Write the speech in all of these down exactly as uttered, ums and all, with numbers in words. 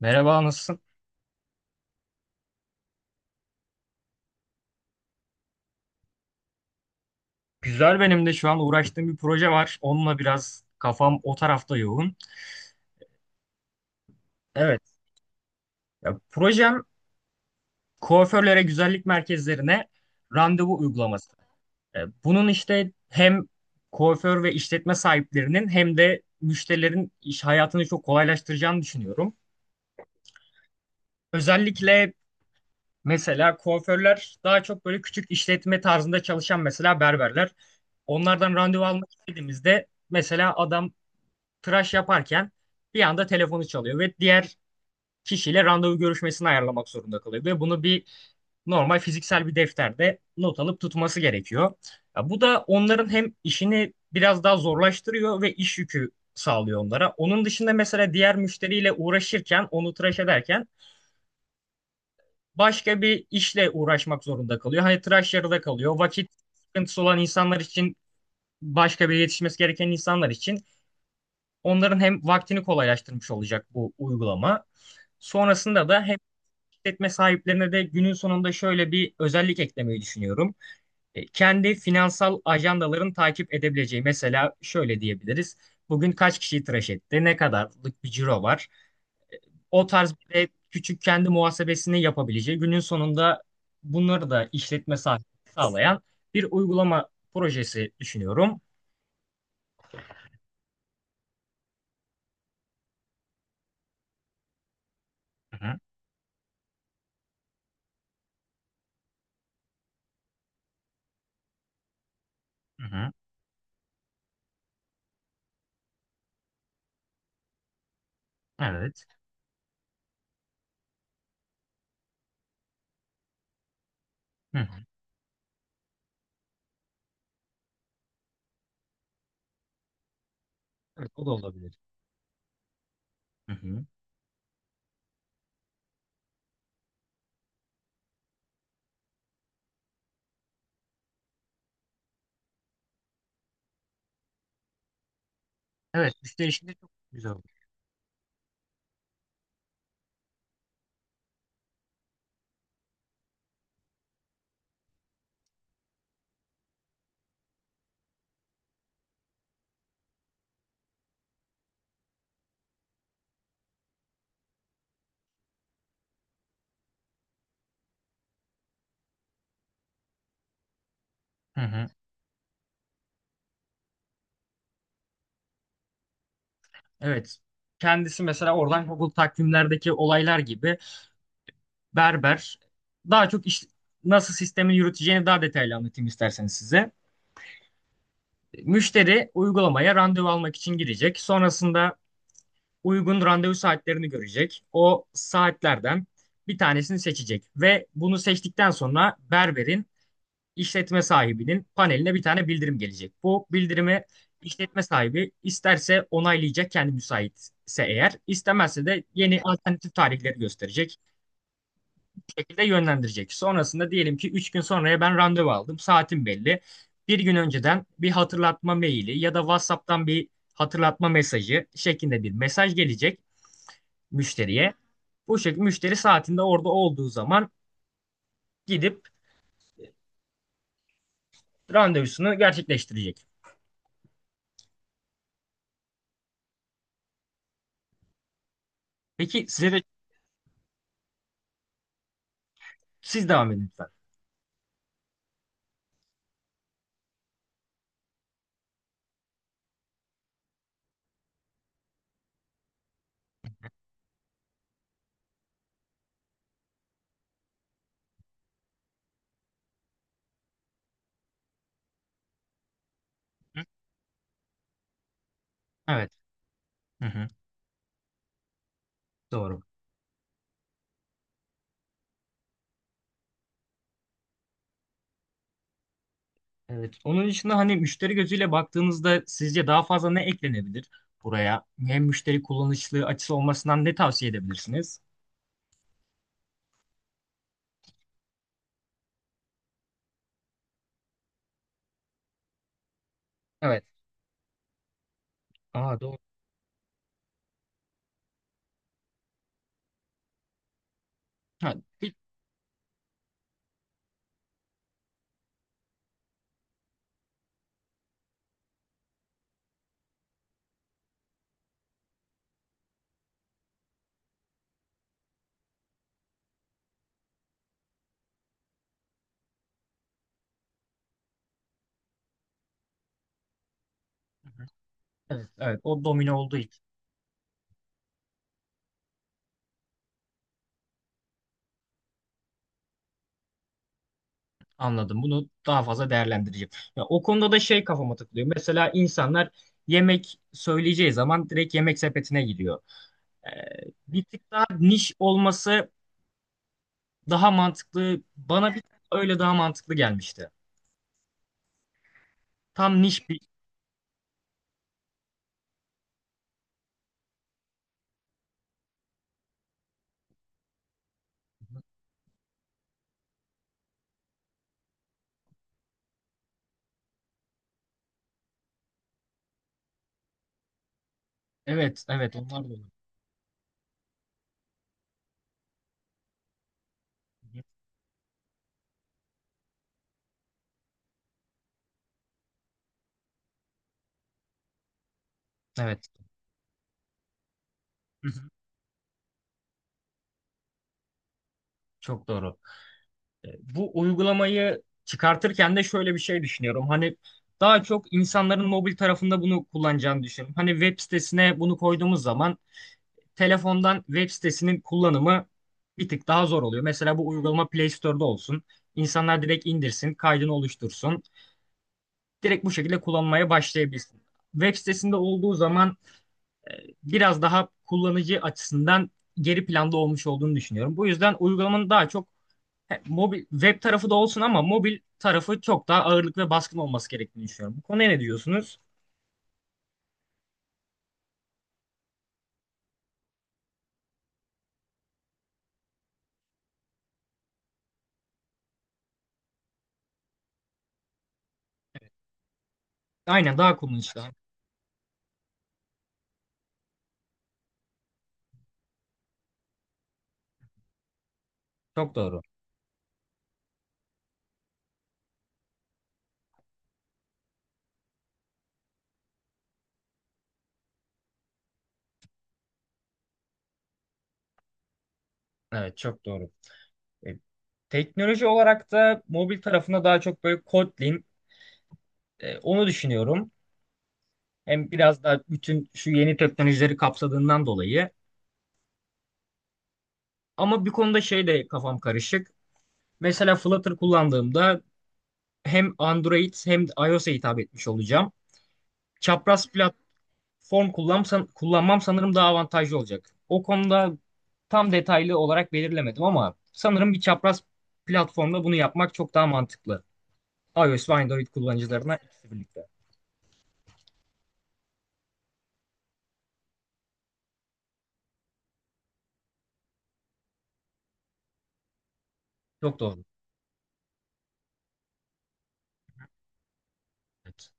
Merhaba, nasılsın? Güzel benim de şu an uğraştığım bir proje var. Onunla biraz kafam o tarafta yoğun. Evet, ya, projem kuaförlere, güzellik merkezlerine randevu uygulaması. E, Bunun işte hem kuaför ve işletme sahiplerinin hem de müşterilerin iş hayatını çok kolaylaştıracağını düşünüyorum. Özellikle mesela kuaförler daha çok böyle küçük işletme tarzında çalışan mesela berberler. Onlardan randevu almak istediğimizde mesela adam tıraş yaparken bir anda telefonu çalıyor ve diğer kişiyle randevu görüşmesini ayarlamak zorunda kalıyor. Ve bunu bir normal fiziksel bir defterde not alıp tutması gerekiyor. Ya bu da onların hem işini biraz daha zorlaştırıyor ve iş yükü sağlıyor onlara. Onun dışında mesela diğer müşteriyle uğraşırken, onu tıraş ederken başka bir işle uğraşmak zorunda kalıyor. Hani tıraş yarıda kalıyor. Vakit sıkıntısı olan insanlar için, başka bir yetişmesi gereken insanlar için onların hem vaktini kolaylaştırmış olacak bu uygulama. Sonrasında da hem işletme sahiplerine de günün sonunda şöyle bir özellik eklemeyi düşünüyorum. E, kendi finansal ajandaların takip edebileceği mesela şöyle diyebiliriz. Bugün kaç kişiyi tıraş etti? Ne kadarlık bir ciro var? O tarz bir de küçük kendi muhasebesini yapabileceği günün sonunda bunları da işletme sahibi sağlayan bir uygulama projesi düşünüyorum. Hı hı, hı hı, evet. Hı hı. Evet, o da olabilir. Hı hı. Evet, müşteri için de çok güzel olur. Hı hı. Evet. Kendisi mesela oradan Google takvimlerdeki olaylar gibi berber daha çok iş, nasıl sistemi yürüteceğini daha detaylı anlatayım isterseniz size. Müşteri uygulamaya randevu almak için girecek. Sonrasında uygun randevu saatlerini görecek. O saatlerden bir tanesini seçecek ve bunu seçtikten sonra berberin işletme sahibinin paneline bir tane bildirim gelecek. Bu bildirimi işletme sahibi isterse onaylayacak kendi müsaitse eğer, istemezse de yeni alternatif tarihleri gösterecek bu şekilde yönlendirecek. Sonrasında diyelim ki üç gün sonraya ben randevu aldım, saatim belli. Bir gün önceden bir hatırlatma maili ya da WhatsApp'tan bir hatırlatma mesajı şeklinde bir mesaj gelecek müşteriye. Bu şekilde müşteri saatinde orada olduğu zaman gidip randevusunu gerçekleştirecek. Peki size de, siz devam edin lütfen. Evet. Hı hı. Doğru. Evet. Onun dışında hani müşteri gözüyle baktığınızda sizce daha fazla ne eklenebilir buraya? Hem müşteri kullanışlı açısı olmasından ne tavsiye edebilirsiniz? Evet. Aa doğru. Ha, bir- evet, evet. O domino olduğu için anladım. Bunu daha fazla değerlendireceğim. Ya, o konuda da şey kafama takılıyor. Mesela insanlar yemek söyleyeceği zaman direkt yemek sepetine gidiyor. Ee, Bir tık daha niş olması daha mantıklı. Bana bir tık öyle daha mantıklı gelmişti. Tam niş bir. Evet, evet onlar da olur. Hı hı. Evet. Hı hı. Çok doğru. E, Bu uygulamayı çıkartırken de şöyle bir şey düşünüyorum. Hani daha çok insanların mobil tarafında bunu kullanacağını düşünüyorum. Hani web sitesine bunu koyduğumuz zaman telefondan web sitesinin kullanımı bir tık daha zor oluyor. Mesela bu uygulama Play Store'da olsun. İnsanlar direkt indirsin, kaydını oluştursun. Direkt bu şekilde kullanmaya başlayabilsin. Web sitesinde olduğu zaman e, biraz daha kullanıcı açısından geri planda olmuş olduğunu düşünüyorum. Bu yüzden uygulamanın daha çok he, mobil web tarafı da olsun ama mobil tarafı çok daha ağırlık ve baskın olması gerektiğini düşünüyorum. Bu konuya ne diyorsunuz? Aynen daha kullanışlı. Çok doğru. Evet çok doğru. E, Teknoloji olarak da mobil tarafına daha çok böyle Kotlin e, onu düşünüyorum. Hem biraz daha bütün şu yeni teknolojileri kapsadığından dolayı. Ama bir konuda şey de kafam karışık. Mesela Flutter kullandığımda hem Android hem de iOS'a hitap etmiş olacağım. Çapraz platform kullansam, kullanmam sanırım daha avantajlı olacak. O konuda tam detaylı olarak belirlemedim ama sanırım bir çapraz platformda bunu yapmak çok daha mantıklı. iOS ve Android kullanıcılarına ikisi birlikte. Çok doğru. Evet.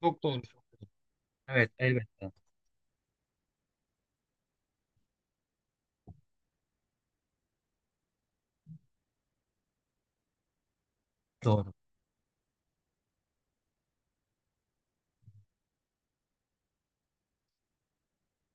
Çok doğru. Evet, elbette. Doğru.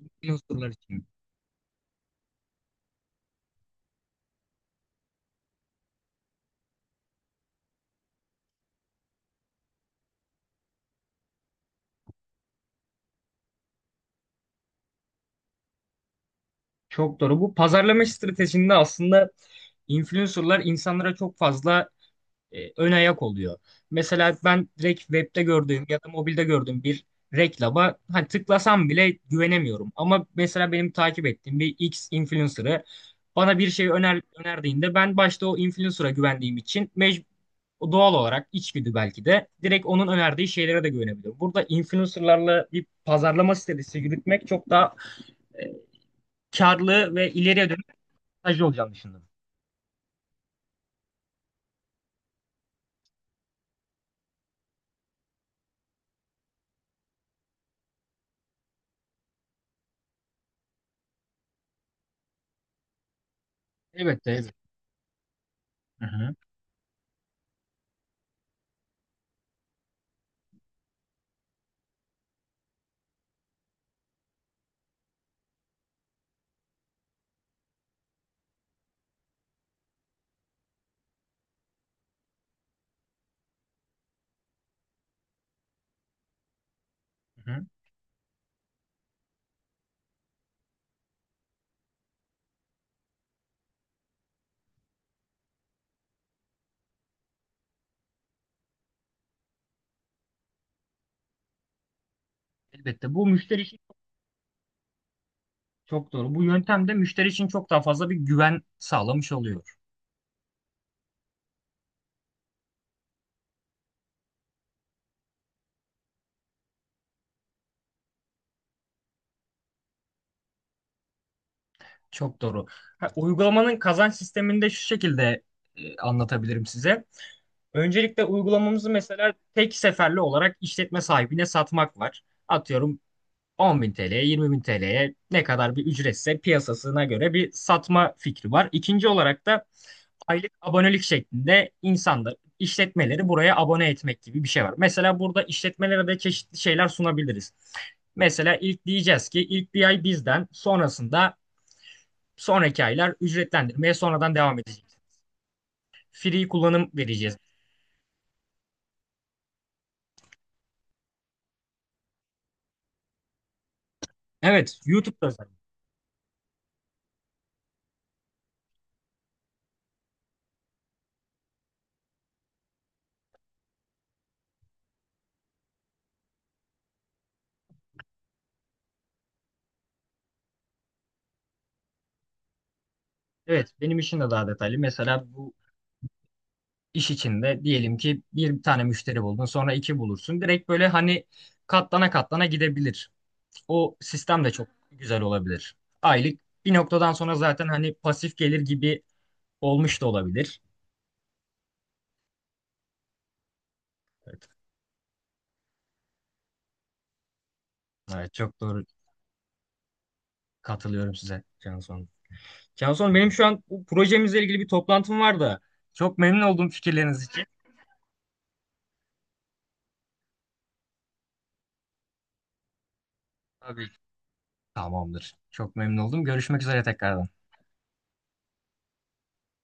Influencerlar için. Çok doğru. Bu pazarlama stratejinde aslında influencerlar insanlara çok fazla e, ön ayak oluyor. Mesela ben direkt webde gördüğüm ya da mobilde gördüğüm bir reklama hani tıklasam bile güvenemiyorum. Ama mesela benim takip ettiğim bir X influencer'ı bana bir şey öner, önerdiğinde ben başta o influencer'a güvendiğim için mec doğal olarak içgüdü belki de direkt onun önerdiği şeylere de güvenebiliyorum. Burada influencer'larla bir pazarlama stratejisi yürütmek çok daha e, karlı ve ileriye dönük mesajlı olacağını düşündüm. Elbette, elbette. Hı hı, hı hı. Elbette bu müşteri. Çok doğru. Bu yöntem de müşteri için çok daha fazla bir güven sağlamış oluyor. Çok doğru. Ha, uygulamanın kazanç sistemini de şu şekilde e, anlatabilirim size. Öncelikle uygulamamızı mesela tek seferli olarak işletme sahibine satmak var. Atıyorum on bin T L'ye, yirmi bin T L'ye ne kadar bir ücretse piyasasına göre bir satma fikri var. İkinci olarak da aylık abonelik şeklinde insanlar, işletmeleri buraya abone etmek gibi bir şey var. Mesela burada işletmelere de çeşitli şeyler sunabiliriz. Mesela ilk diyeceğiz ki ilk bir ay bizden sonrasında sonraki aylar ücretlendirmeye sonradan devam edecek. Free kullanım vereceğiz. Evet, YouTube'da özellikle. Evet, benim işim de daha detaylı. Mesela bu iş içinde diyelim ki bir tane müşteri buldun sonra iki bulursun. Direkt böyle hani katlana katlana gidebilir. O sistem de çok güzel olabilir. Aylık bir noktadan sonra zaten hani pasif gelir gibi olmuş da olabilir. Evet, evet çok doğru, katılıyorum size Canson. Canson benim şu an bu projemizle ilgili bir toplantım var da çok memnun oldum fikirleriniz için. Tabii. Tamamdır. Çok memnun oldum. Görüşmek üzere tekrardan.